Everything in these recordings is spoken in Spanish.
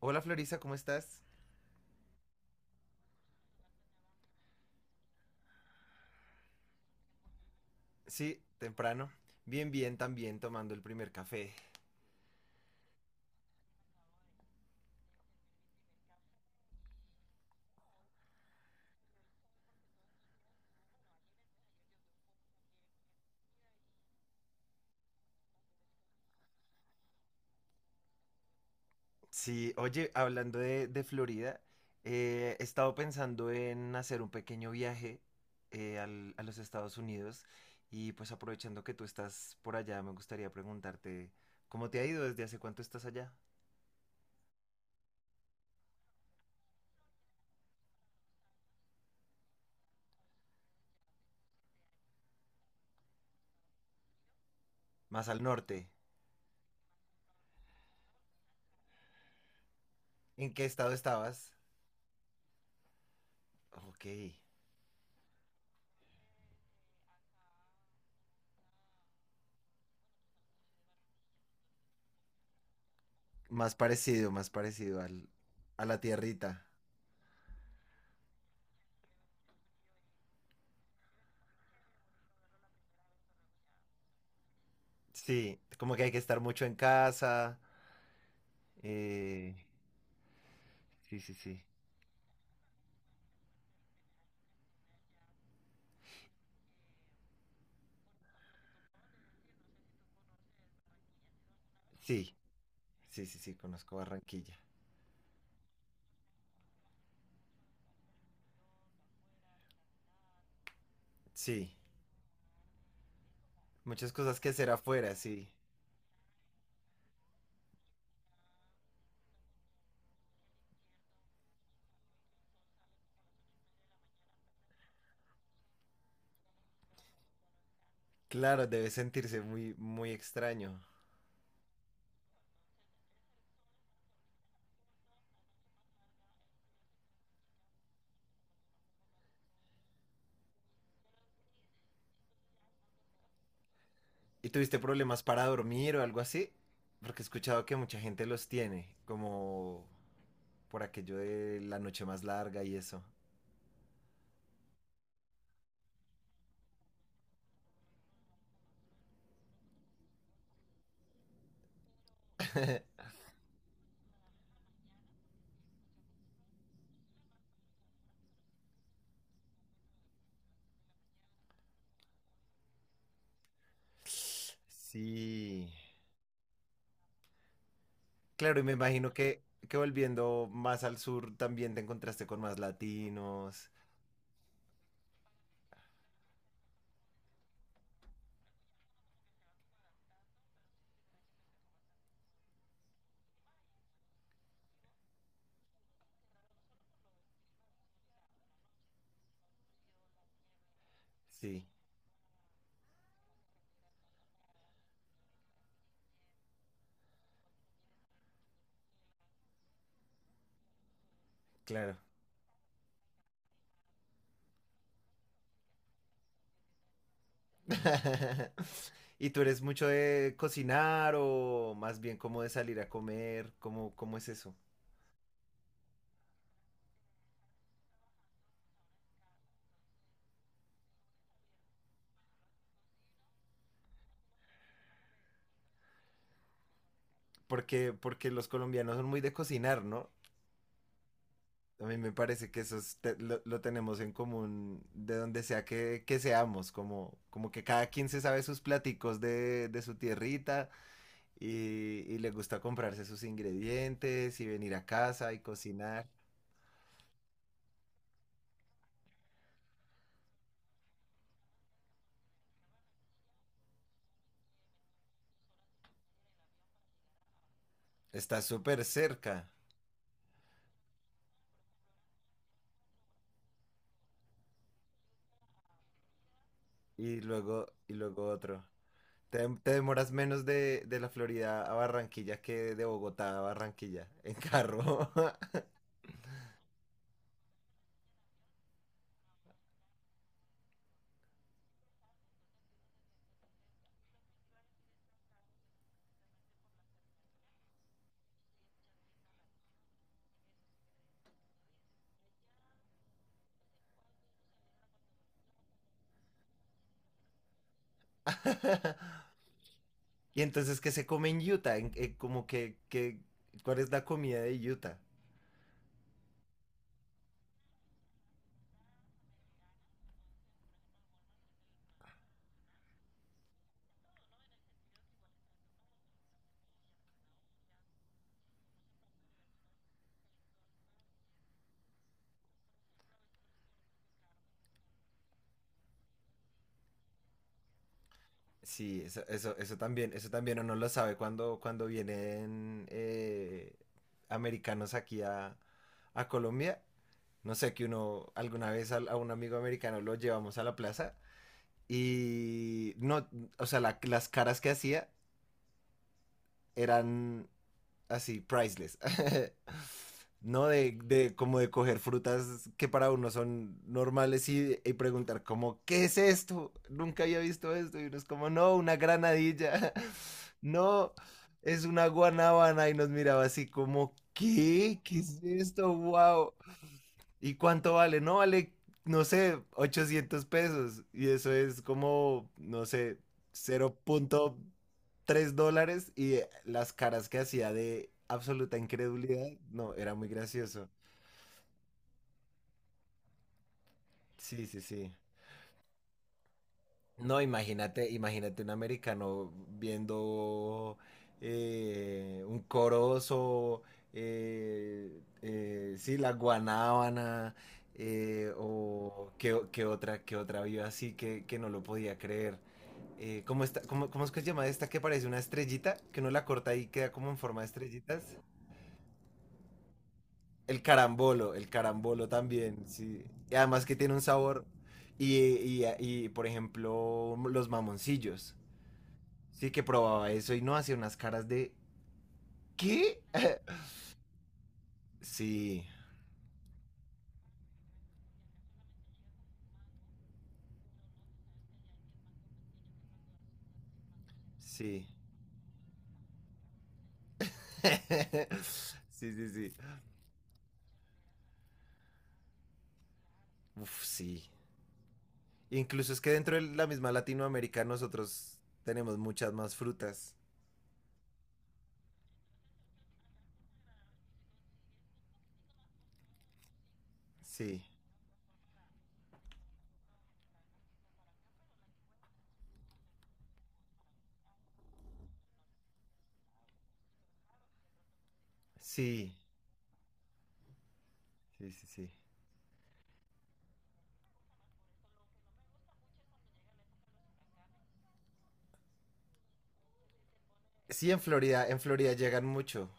Hola Florisa, ¿cómo estás? Sí, temprano. Bien, bien, también tomando el primer café. Sí, oye, hablando de Florida, he estado pensando en hacer un pequeño viaje, a los Estados Unidos y pues aprovechando que tú estás por allá, me gustaría preguntarte, ¿cómo te ha ido? ¿Desde hace cuánto estás allá? Más al norte. ¿En qué estado estabas? Ok. Más parecido, a la tierrita. Sí, como que hay que estar mucho en casa. Eh, sí, sí, sí. Sí, sí, sí, sí, conozco Barranquilla. Sí, muchas cosas que hacer afuera, sí. Claro, debe sentirse muy, muy extraño. ¿Y tuviste problemas para dormir o algo así? Porque he escuchado que mucha gente los tiene, como por aquello de la noche más larga y eso. Sí. Claro, y me imagino que volviendo más al sur también te encontraste con más latinos. Sí, claro. ¿Y tú eres mucho de cocinar o más bien como de salir a comer? ¿Cómo, cómo es eso? Porque los colombianos son muy de cocinar, ¿no? A mí me parece que eso es lo tenemos en común de donde sea que seamos, como, como que cada quien se sabe sus platicos de su tierrita y le gusta comprarse sus ingredientes y venir a casa y cocinar. Está súper cerca. Y luego otro. Te, te demoras menos de la Florida a Barranquilla que de Bogotá a Barranquilla en carro. Y entonces, ¿qué se come en Utah? En como que, ¿cuál es la comida de Utah? Sí, eso, eso también uno lo sabe cuando, cuando vienen americanos aquí a Colombia. No sé, que uno alguna vez un amigo americano lo llevamos a la plaza y no, o sea, las caras que hacía eran así, priceless. ¿No? De como de coger frutas que para uno son normales y preguntar como, ¿qué es esto? Nunca había visto esto. Y uno es como, no, una granadilla. No, es una guanábana. Y nos miraba así como, ¿qué? ¿Qué es esto? ¡Wow! ¿Y cuánto vale? No vale, no sé, 800 pesos. Y eso es como, no sé, 0,3 dólares. Y las caras que hacía de absoluta incredulidad, no, era muy gracioso. Sí, sí, sí. No, imagínate, imagínate un americano viendo un corozo, sí, la guanábana, qué otra vio así que no lo podía creer. ¿ cómo es que se llama esta que parece una estrellita? Que uno la corta y queda como en forma de estrellitas. El carambolo también, sí. Y además que tiene un sabor. Y por ejemplo, los mamoncillos. Sí, que probaba eso y no hacía unas caras de ¿qué? Sí, sí. Sí, sí, sí. Uf, sí. Incluso es que dentro de la misma Latinoamérica nosotros tenemos muchas más frutas. Sí, sí, sí, sí, sí. Sí, en Florida llegan mucho.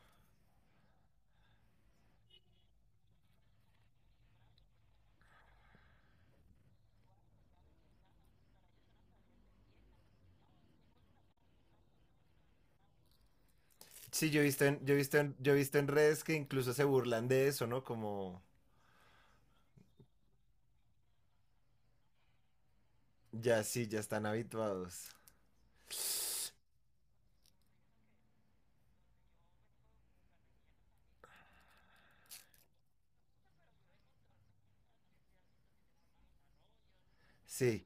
Sí, yo he visto en, yo he visto en redes que incluso se burlan de eso, ¿no? Como ya sí, ya están habituados. Sí,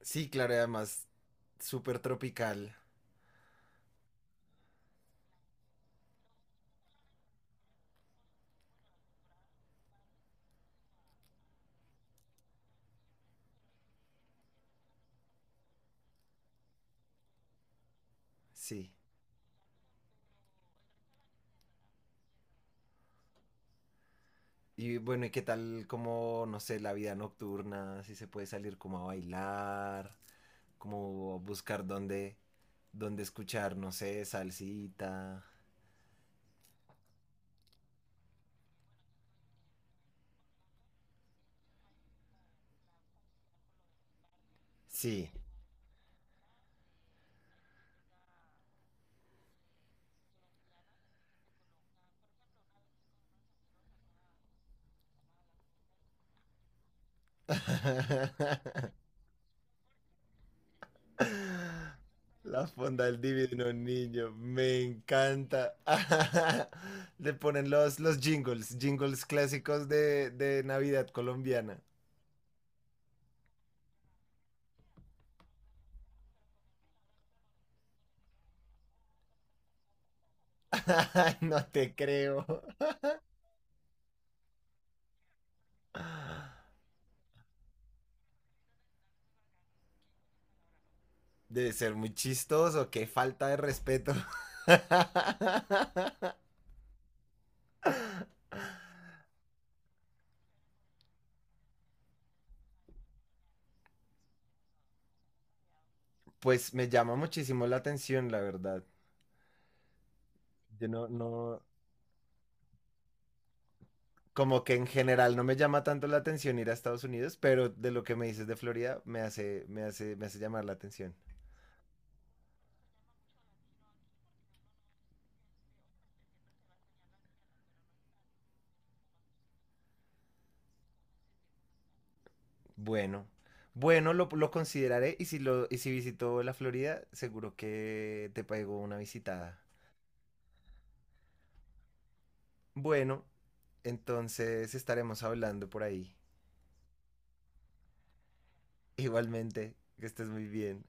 sí, claro, y además súper tropical. Sí. Y bueno, ¿y qué tal como, no sé, la vida nocturna? Si se puede salir como a bailar, como buscar dónde, dónde escuchar, no sé, salsita. Sí. La fonda del divino niño, me encanta. Le ponen los jingles, jingles clásicos de Navidad colombiana. No te creo. Debe ser muy chistoso, qué falta de respeto. Pues me llama muchísimo la atención, la verdad. Yo no, no, como que en general no me llama tanto la atención ir a Estados Unidos, pero de lo que me dices de Florida me hace, me hace llamar la atención. Bueno, lo consideraré y si lo, y si visito la Florida, seguro que te pego una visitada. Bueno, entonces estaremos hablando por ahí. Igualmente, que estés muy bien.